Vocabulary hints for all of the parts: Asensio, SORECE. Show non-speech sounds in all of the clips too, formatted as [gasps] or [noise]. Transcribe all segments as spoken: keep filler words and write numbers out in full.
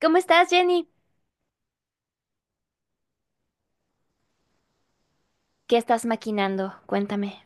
¿Cómo estás, Jenny? ¿Qué estás maquinando? Cuéntame.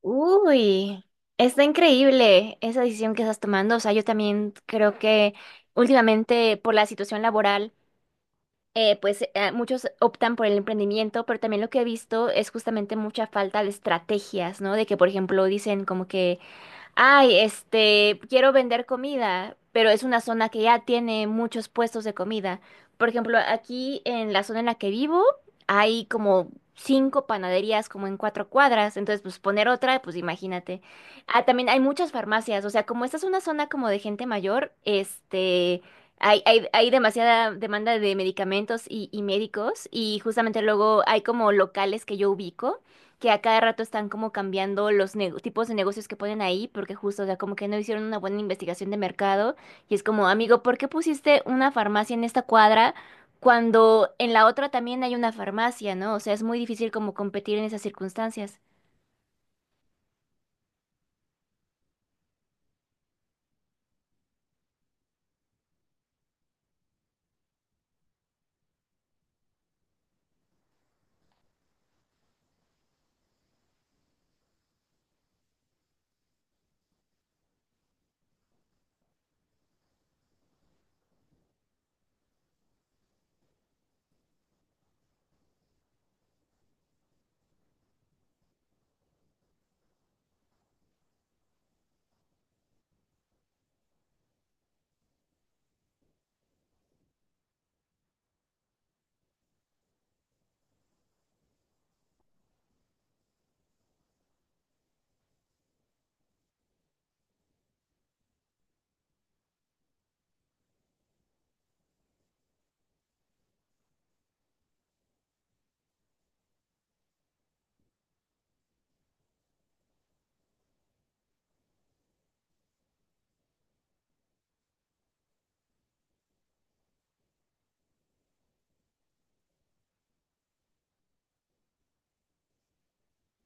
Uy, está increíble esa decisión que estás tomando. O sea, yo también creo que últimamente por la situación laboral, eh, pues eh, muchos optan por el emprendimiento, pero también lo que he visto es justamente mucha falta de estrategias, ¿no? De que, por ejemplo, dicen como que ay, este, quiero vender comida, pero es una zona que ya tiene muchos puestos de comida. Por ejemplo, aquí en la zona en la que vivo hay como cinco panaderías como en cuatro cuadras, entonces pues poner otra, pues imagínate. Ah, también hay muchas farmacias, o sea, como esta es una zona como de gente mayor, este, hay, hay, hay demasiada demanda de medicamentos y, y médicos y justamente luego hay como locales que yo ubico que a cada rato están como cambiando los nego- tipos de negocios que ponen ahí, porque justo, o sea, como que no hicieron una buena investigación de mercado y es como, amigo, ¿por qué pusiste una farmacia en esta cuadra cuando en la otra también hay una farmacia?, ¿no? O sea, es muy difícil como competir en esas circunstancias.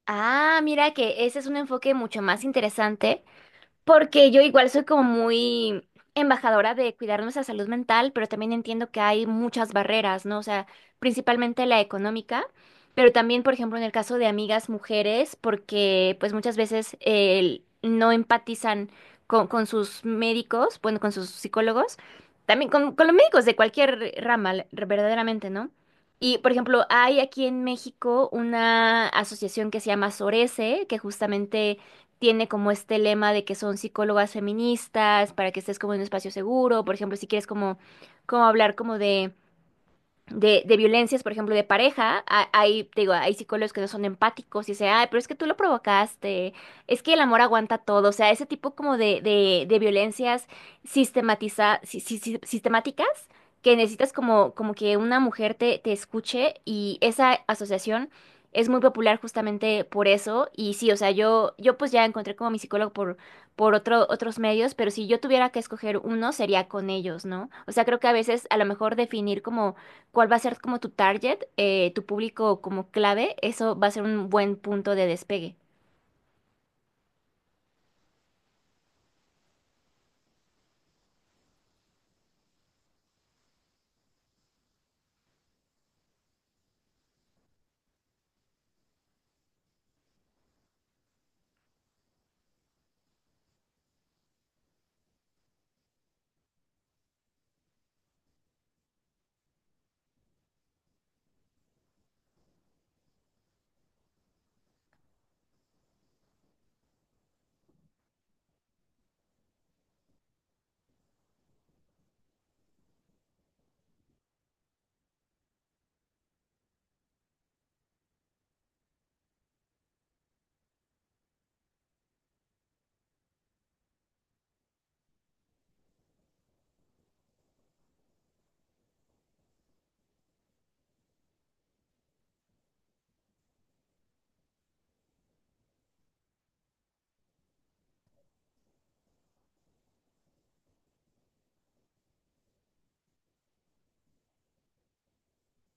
Ah, mira que ese es un enfoque mucho más interesante, porque yo igual soy como muy embajadora de cuidar nuestra salud mental, pero también entiendo que hay muchas barreras, ¿no? O sea, principalmente la económica, pero también, por ejemplo, en el caso de amigas mujeres, porque pues muchas veces eh, no empatizan con, con sus médicos, bueno, con sus psicólogos, también con, con los médicos de cualquier rama, la- verdaderamente, ¿no? Y, por ejemplo, hay aquí en México una asociación que se llama SORECE, que justamente tiene como este lema de que son psicólogas feministas, para que estés como en un espacio seguro, por ejemplo, si quieres como, como hablar como de de, de violencias, por ejemplo, de pareja, ha- hay, te digo, hay psicólogos que no son empáticos y dicen, ay, pero es que tú lo provocaste, es que el amor aguanta todo, o sea, ese tipo como de, de, de violencias sistematiza, si- si- si- sistemáticas que necesitas como, como que una mujer te, te escuche y esa asociación es muy popular justamente por eso y sí, o sea, yo, yo pues ya encontré como mi psicólogo por, por otro, otros medios, pero si yo tuviera que escoger uno sería con ellos, ¿no? O sea, creo que a veces a lo mejor definir como cuál va a ser como tu target, eh, tu público como clave, eso va a ser un buen punto de despegue.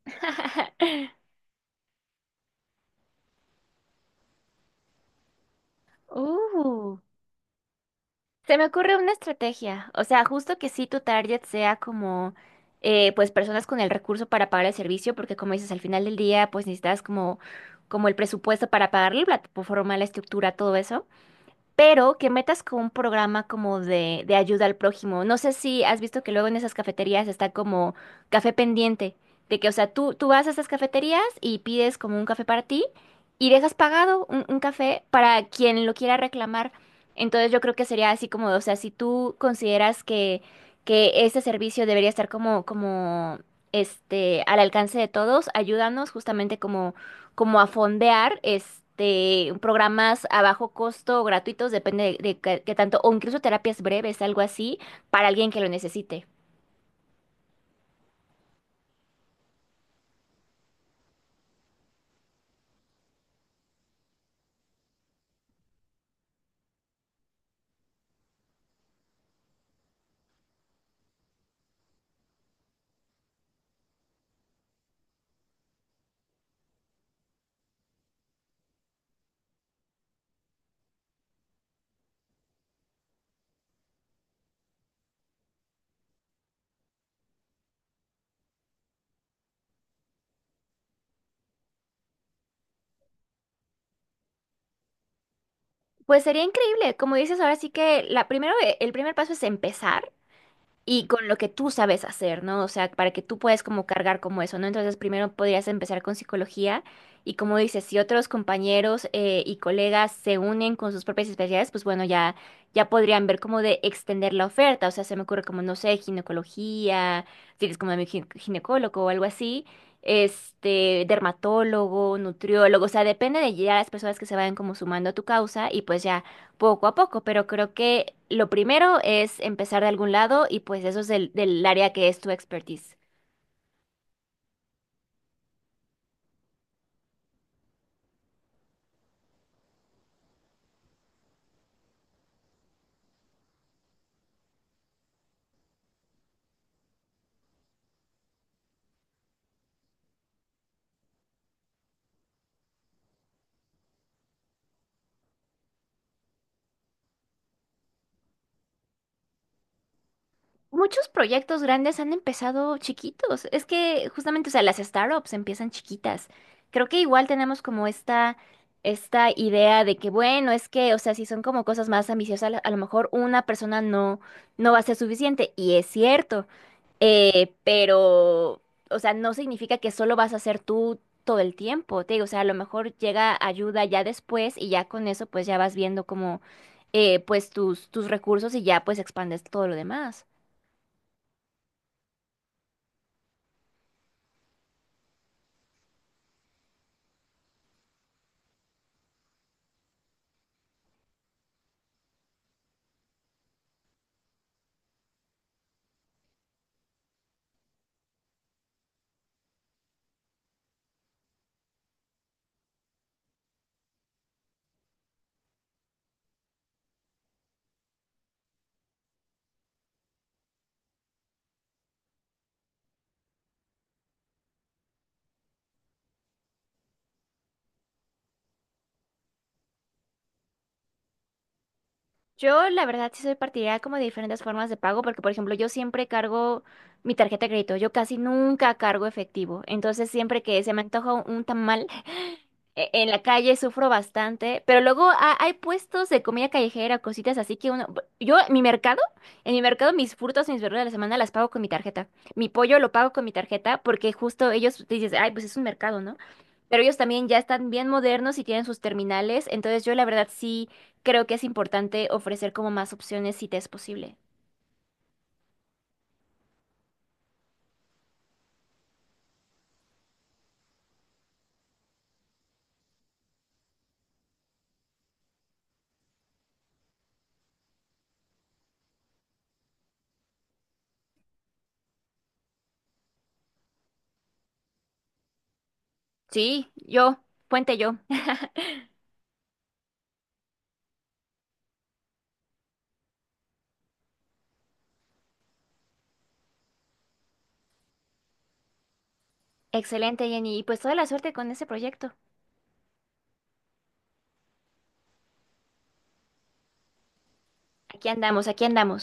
[laughs] Uh, Se me ocurre una estrategia, o sea, justo que sí tu target sea como, eh, pues personas con el recurso para pagar el servicio, porque como dices, al final del día, pues necesitas como, como el presupuesto para pagarlo, la plataforma, la estructura, todo eso, pero que metas con un programa como de, de ayuda al prójimo. No sé si has visto que luego en esas cafeterías está como café pendiente, de que, o sea, tú, tú vas a esas cafeterías y pides como un café para ti y dejas pagado un, un café para quien lo quiera reclamar. Entonces yo creo que sería así como, o sea, si tú consideras que, que este servicio debería estar como, como, este, al alcance de todos, ayúdanos justamente como a fondear este, programas a bajo costo o gratuitos, depende de, de qué qué tanto, o incluso terapias breves, algo así, para alguien que lo necesite. Pues sería increíble, como dices, ahora sí que la primero, eh, el primer paso es empezar y con lo que tú sabes hacer, ¿no? O sea, para que tú puedas como cargar como eso, ¿no? Entonces, primero podrías empezar con psicología y como dices, si otros compañeros eh, y colegas se unen con sus propias especialidades, pues bueno, ya, ya podrían ver cómo de extender la oferta, o sea, se me ocurre como, no sé, ginecología, si eres como mi gine- ginecólogo o algo así. Este, dermatólogo, nutriólogo, o sea, depende de ya las personas que se vayan como sumando a tu causa y pues ya poco a poco, pero creo que lo primero es empezar de algún lado y pues eso es del, del área que es tu expertise. Muchos proyectos grandes han empezado chiquitos. Es que justamente, o sea, las startups empiezan chiquitas. Creo que igual tenemos como esta, esta idea de que, bueno, es que, o sea, si son como cosas más ambiciosas, a lo a lo mejor una persona no, no va a ser suficiente. Y es cierto. Eh, pero, o sea, no significa que solo vas a ser tú todo el tiempo, te digo, o sea, a lo mejor llega ayuda ya después y ya con eso pues ya vas viendo como, eh, pues tus, tus recursos y ya pues expandes todo lo demás. Yo, la verdad, sí soy partidaria como de diferentes formas de pago, porque, por ejemplo, yo siempre cargo mi tarjeta de crédito, yo casi nunca cargo efectivo, entonces siempre que se me antoja un un tamal [gasps] e- en la calle, sufro bastante, pero luego ha- hay puestos de comida callejera, cositas así que uno, yo, mi mercado, en mi mercado mis frutas y mis verduras de la semana las pago con mi tarjeta, mi pollo lo pago con mi tarjeta, porque justo ellos dices, ay, pues es un mercado, ¿no? Pero ellos también ya están bien modernos y tienen sus terminales, entonces yo la verdad sí creo que es importante ofrecer como más opciones si te es posible. Sí, yo, puente yo. [laughs] Excelente, Jenny, y pues toda la suerte con ese proyecto. Aquí andamos, aquí andamos.